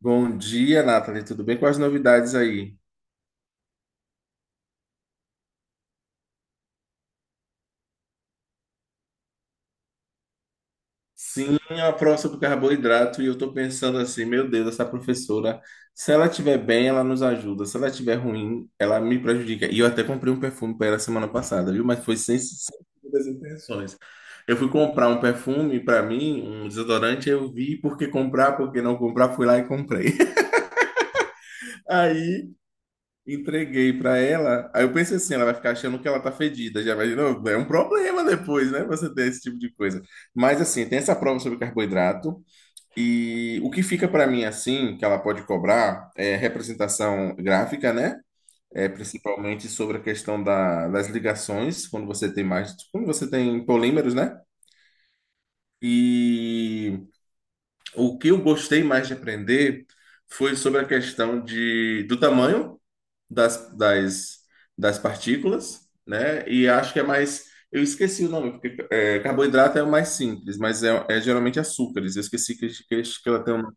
Bom dia, Nathalie. Tudo bem? Quais as novidades aí? Sim, a prova sobre carboidrato e eu tô pensando assim, meu Deus, essa professora, se ela estiver bem, ela nos ajuda. Se ela estiver ruim, ela me prejudica. E eu até comprei um perfume para ela semana passada, viu? Mas foi sem segundas intenções. Eu fui comprar um perfume para mim, um desodorante, eu vi por que comprar, por que não comprar, fui lá e comprei. Aí Entreguei pra ela. Aí eu pensei assim, ela vai ficar achando que ela tá fedida. Já vai, não, é um problema depois, né? Você ter esse tipo de coisa. Mas assim, tem essa prova sobre carboidrato e o que fica pra mim assim, que ela pode cobrar é representação gráfica, né? É principalmente sobre a questão das ligações, quando você tem mais, quando você tem polímeros, né? E o que eu gostei mais de aprender foi sobre a questão do tamanho das, das, das partículas, né? E acho que é mais. Eu esqueci o nome, porque é, carboidrato é o mais simples, mas é geralmente açúcares. Eu esqueci que ela tem um.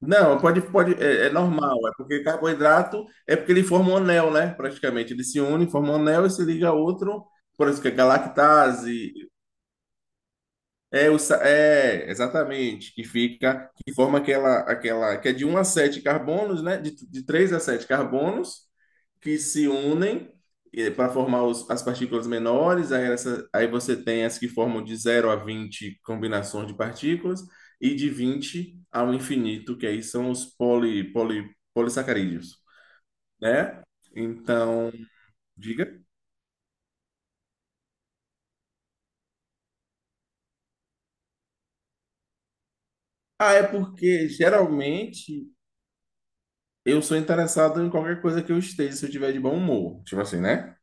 Não, pode, é normal, é porque carboidrato é porque ele forma um anel, né? Praticamente. Ele se une, forma um anel e se liga a outro. Por isso que é galactase. É, exatamente, que fica, que forma aquela, que é de um a 7 carbonos, né? De 3 a 7 carbonos, que se unem para formar as partículas menores, aí, aí você tem as que formam de zero a vinte combinações de partículas, e de 20 ao infinito, que aí são os polissacarídeos, né? Então, diga. Ah, é porque geralmente eu sou interessado em qualquer coisa que eu esteja, se eu tiver de bom humor. Tipo assim, né?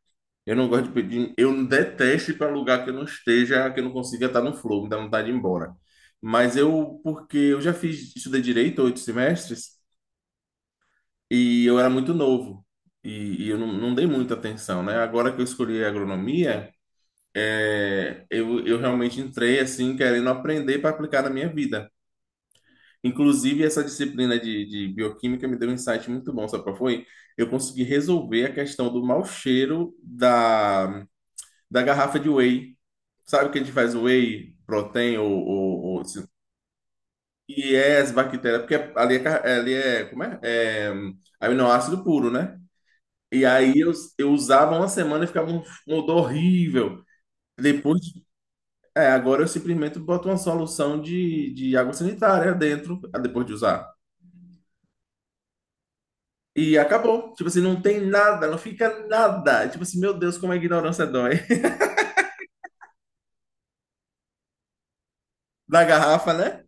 Eu não gosto de pedir, eu detesto ir para lugar que eu não esteja, que eu não consiga estar no flow, me dá vontade de ir embora. Mas eu, porque eu já fiz, estudei direito 8 semestres e eu era muito novo e eu não dei muita atenção, né? Agora que eu escolhi a agronomia, é, eu realmente entrei assim, querendo aprender para aplicar na minha vida. Inclusive, essa disciplina de bioquímica me deu um insight muito bom, sabe qual foi? Eu consegui resolver a questão do mau cheiro da, da garrafa de whey. Sabe o que a gente faz whey protein ou assim, e é as bactérias, porque ali é, ali é como é? É aminoácido puro, né? E aí eu usava uma semana e ficava um, um odor horrível. Depois, agora eu simplesmente boto uma solução de água sanitária dentro, ah, depois de usar. E acabou. Tipo assim, não tem nada, não fica nada. Tipo assim, meu Deus, como a ignorância dói. Da garrafa, né?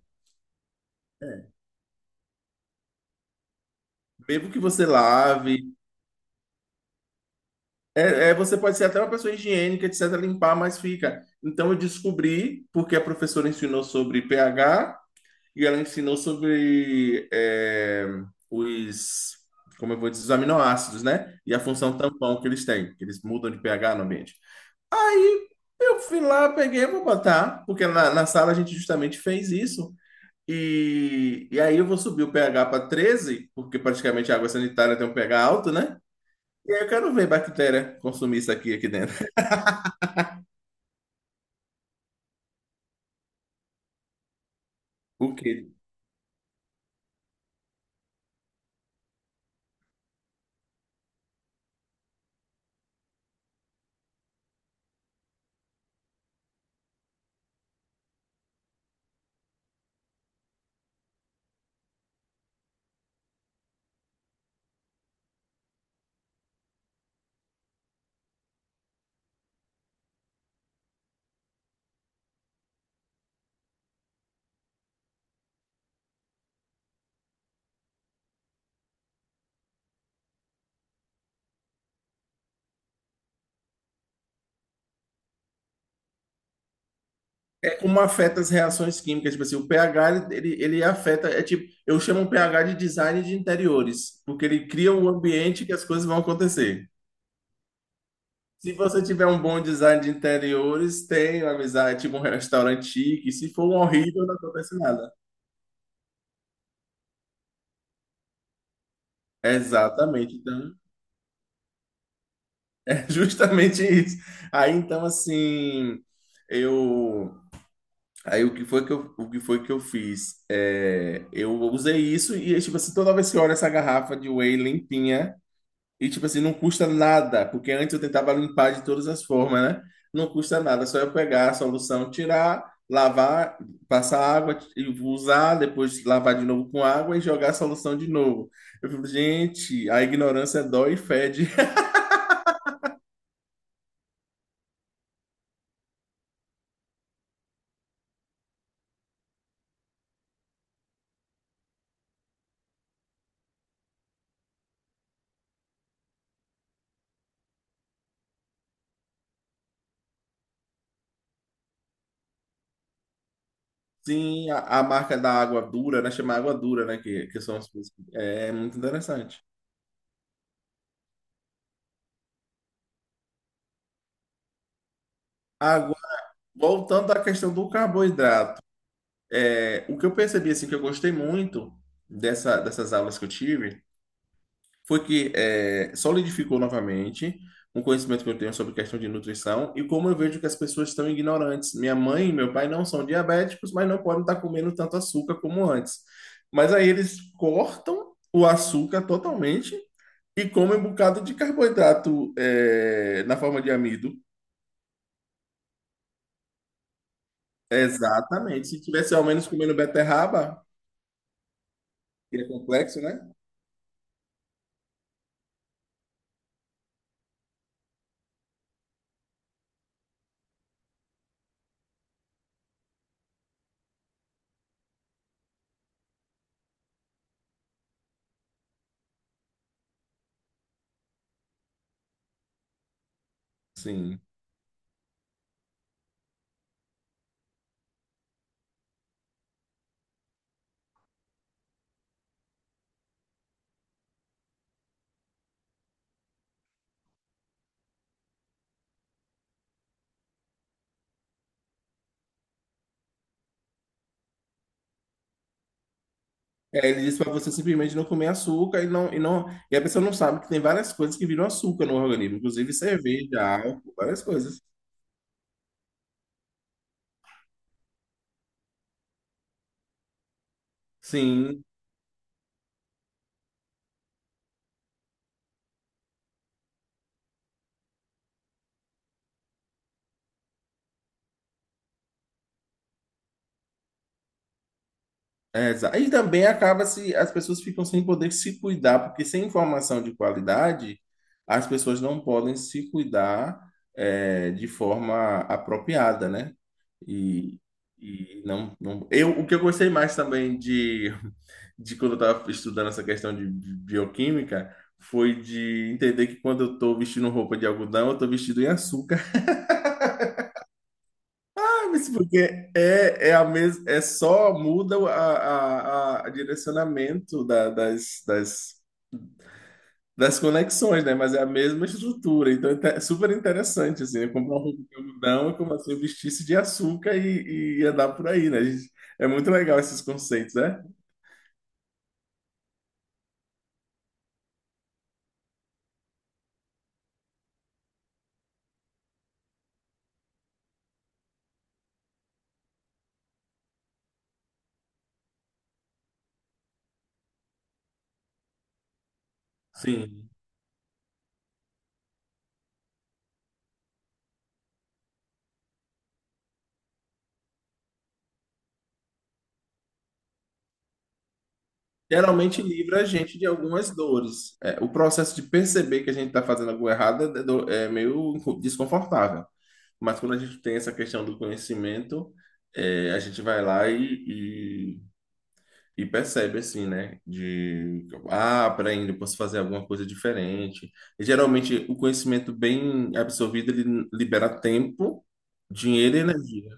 Mesmo que você lave. Você pode ser até uma pessoa higiênica, etc., limpar, mas fica. Então eu descobri, porque a professora ensinou sobre pH e ela ensinou sobre os, como eu vou dizer, os aminoácidos, né? E a função tampão que eles têm, que eles mudam de pH no ambiente. Aí eu fui lá, peguei, vou botar, porque na sala a gente justamente fez isso. E aí eu vou subir o pH para 13, porque praticamente a água sanitária tem um pH alto, né? E aí eu quero ver bactéria consumir isso aqui, aqui dentro. O quê? É como afeta as reações químicas. Tipo assim, o pH, ele afeta. É tipo, eu chamo o pH de design de interiores, porque ele cria um ambiente que as coisas vão acontecer. Se você tiver um bom design de interiores, tem uma amizade, tipo um restaurante chique. Se for um horrível, não acontece nada. Exatamente. Então, justamente isso. Aí então assim, eu aí o que foi que eu fiz? É, eu usei isso e tipo assim, toda vez que eu olho essa garrafa de whey limpinha e tipo assim, não custa nada, porque antes eu tentava limpar de todas as formas, né? Não custa nada, só eu pegar a solução, tirar, lavar, passar água e usar, depois lavar de novo com água e jogar a solução de novo. Eu fico, gente, a ignorância dói e fede. Sim, a marca da água dura, né? Chama água dura, né? Que são as coisas. É muito interessante. Agora, voltando à questão do carboidrato, é, o que eu percebi, assim, que eu gostei muito dessas aulas que eu tive, foi que é, solidificou novamente um conhecimento que eu tenho sobre questão de nutrição e como eu vejo que as pessoas estão ignorantes. Minha mãe e meu pai não são diabéticos, mas não podem estar comendo tanto açúcar como antes. Mas aí eles cortam o açúcar totalmente e come um bocado de carboidrato é, na forma de amido. Exatamente. Se tivesse ao menos comendo beterraba, que é complexo, né? Sim. É, ele disse para você simplesmente não comer açúcar e não. E a pessoa não sabe que tem várias coisas que viram açúcar no organismo, inclusive cerveja, álcool, várias coisas. Sim. E também acaba se as pessoas ficam sem poder se cuidar, porque sem informação de qualidade, as pessoas não podem se cuidar é, de forma apropriada, né? E, e não, não. Eu, o que eu gostei mais também de quando eu estava estudando essa questão de bioquímica foi de entender que quando eu estou vestindo roupa de algodão, eu estou vestido em açúcar. Mas porque é, é a mes, é só muda a direcionamento das conexões, né? Mas é a mesma estrutura, então é super interessante, assim, né? Comprar um roupa de algodão e começar a vestir-se de açúcar e andar por aí, né? A gente é muito legal esses conceitos, né? Sim. Geralmente livra a gente de algumas dores. É, o processo de perceber que a gente está fazendo algo errado é, é meio desconfortável. Mas quando a gente tem essa questão do conhecimento, é, a gente vai lá e percebe assim, né? De ah, peraí, eu posso fazer alguma coisa diferente. E, geralmente o conhecimento bem absorvido ele libera tempo, dinheiro e energia.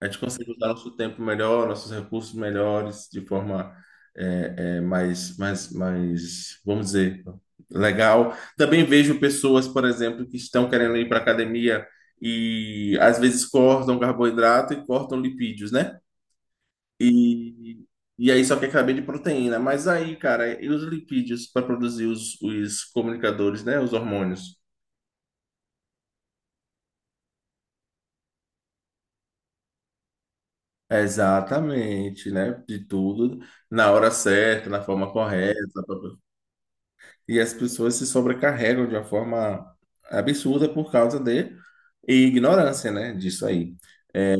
A gente consegue usar nosso tempo melhor, nossos recursos melhores, de forma é, é, mais, vamos dizer, legal. Também vejo pessoas, por exemplo, que estão querendo ir para academia e às vezes cortam carboidrato e cortam lipídios, né? E, e aí só que acabei de proteína. Mas aí, cara, e os lipídios para produzir os comunicadores, né? Os hormônios. Exatamente, né? De tudo na hora certa, na forma correta. Pá, pá, pá. E as pessoas se sobrecarregam de uma forma absurda por causa de ignorância, né? Disso aí. É,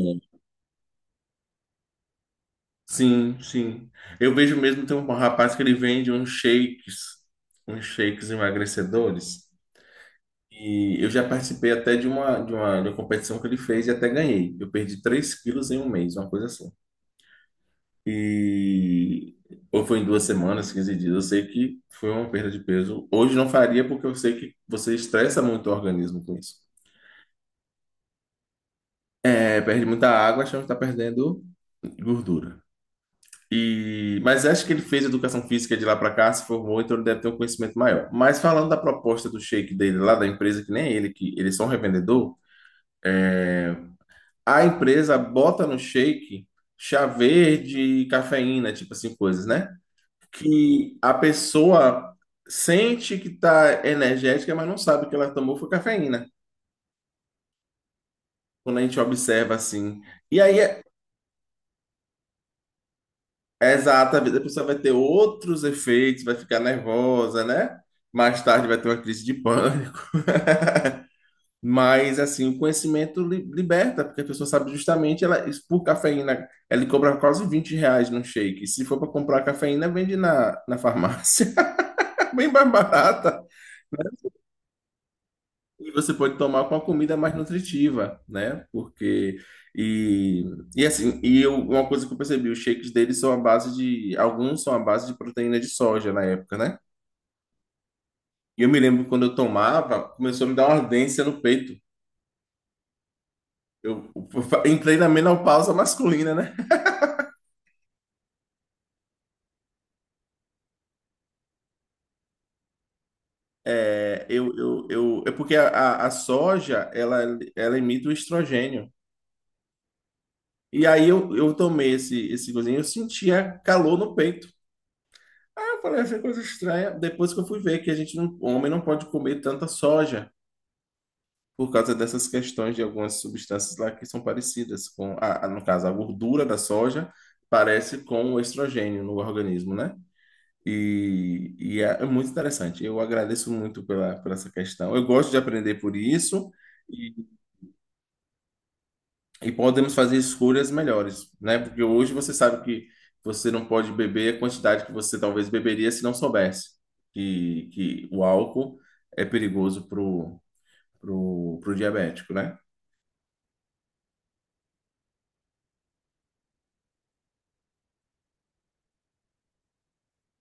sim, sim. Eu vejo mesmo, tem um rapaz que ele vende uns shakes emagrecedores. E eu já participei até de uma competição que ele fez e até ganhei. Eu perdi 3 quilos em 1 mês, uma coisa assim. E. Ou foi em duas semanas, 15 dias. Eu sei que foi uma perda de peso. Hoje não faria porque eu sei que você estressa muito o organismo com isso. É, perde muita água, achando que está perdendo gordura. E, mas acho que ele fez educação física de lá para cá, se formou, então ele deve ter um conhecimento maior. Mas falando da proposta do shake dele lá da empresa, que nem ele, que ele é só um revendedor, a empresa bota no shake chá verde, cafeína, tipo assim, coisas, né? Que a pessoa sente que tá energética, mas não sabe que ela tomou foi cafeína. Quando a gente observa assim. E aí, é exato, às vezes a pessoa vai ter outros efeitos, vai ficar nervosa, né? Mais tarde vai ter uma crise de pânico. Mas, assim, o conhecimento liberta, porque a pessoa sabe justamente, ela, isso por cafeína, ela cobra quase 20 reais no shake. Se for para comprar cafeína, vende na farmácia, bem mais barata. Né? E você pode tomar com a comida mais nutritiva, né? Porque. E, e assim, e eu, uma coisa que eu percebi, os shakes deles são a base de. Alguns são a base de proteína de soja na época, né? E eu me lembro que quando eu tomava, começou a me dar uma ardência no peito. Eu, entrei na menopausa masculina, né? É, é porque a soja, ela emite o estrogênio. E aí eu tomei esse cozinho, eu sentia calor no peito. Aí eu falei, essa é coisa estranha. Depois que eu fui ver que a gente não, o homem não pode comer tanta soja por causa dessas questões de algumas substâncias lá que são parecidas com, no caso, a gordura da soja parece com o estrogênio no organismo, né? É muito interessante. Eu agradeço muito pela, por essa questão. Eu gosto de aprender por isso. E podemos fazer escolhas melhores, né? Porque hoje você sabe que você não pode beber a quantidade que você talvez beberia se não soubesse que o álcool é perigoso pro, pro diabético, né?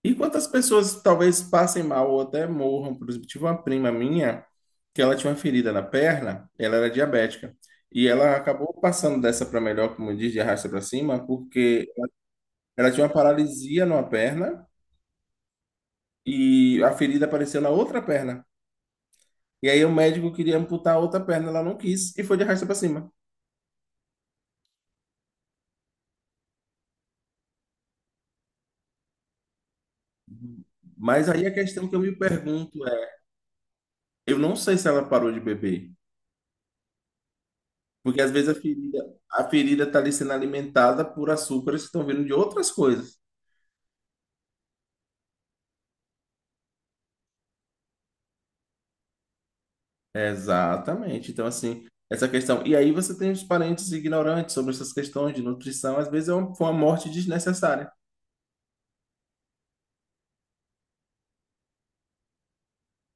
E quantas pessoas talvez passem mal ou até morram? Por exemplo, tive uma prima minha que ela tinha uma ferida na perna, ela era diabética. E ela acabou passando dessa para melhor, como diz, de arrasta para cima, porque ela tinha uma paralisia numa perna e a ferida apareceu na outra perna. E aí o médico queria amputar a outra perna, ela não quis e foi de arrasta para cima. Mas aí a questão que eu me pergunto é, eu não sei se ela parou de beber, porque às vezes a ferida está ali sendo alimentada por açúcares que estão vindo de outras coisas. Exatamente. Então, assim, essa questão. E aí você tem os parentes ignorantes sobre essas questões de nutrição, às vezes foi uma morte desnecessária.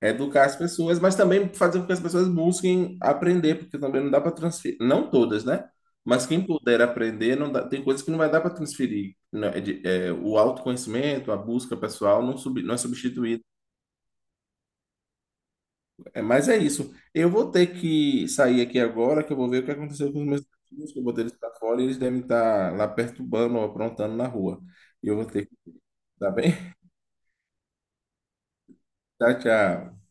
É educar as pessoas, mas também fazer com que as pessoas busquem aprender, porque também não dá para transferir, não todas, né? Mas quem puder aprender, não dá- tem coisas que não vai dar para transferir. Né? O autoconhecimento, a busca pessoal não, não é substituído. É, mas é isso. Eu vou ter que sair aqui agora, que eu vou ver o que aconteceu com os meus filhos, que eu botei eles para fora e eles devem estar lá perturbando ou aprontando na rua. E eu vou ter que, tá bem? Tchau, tchau.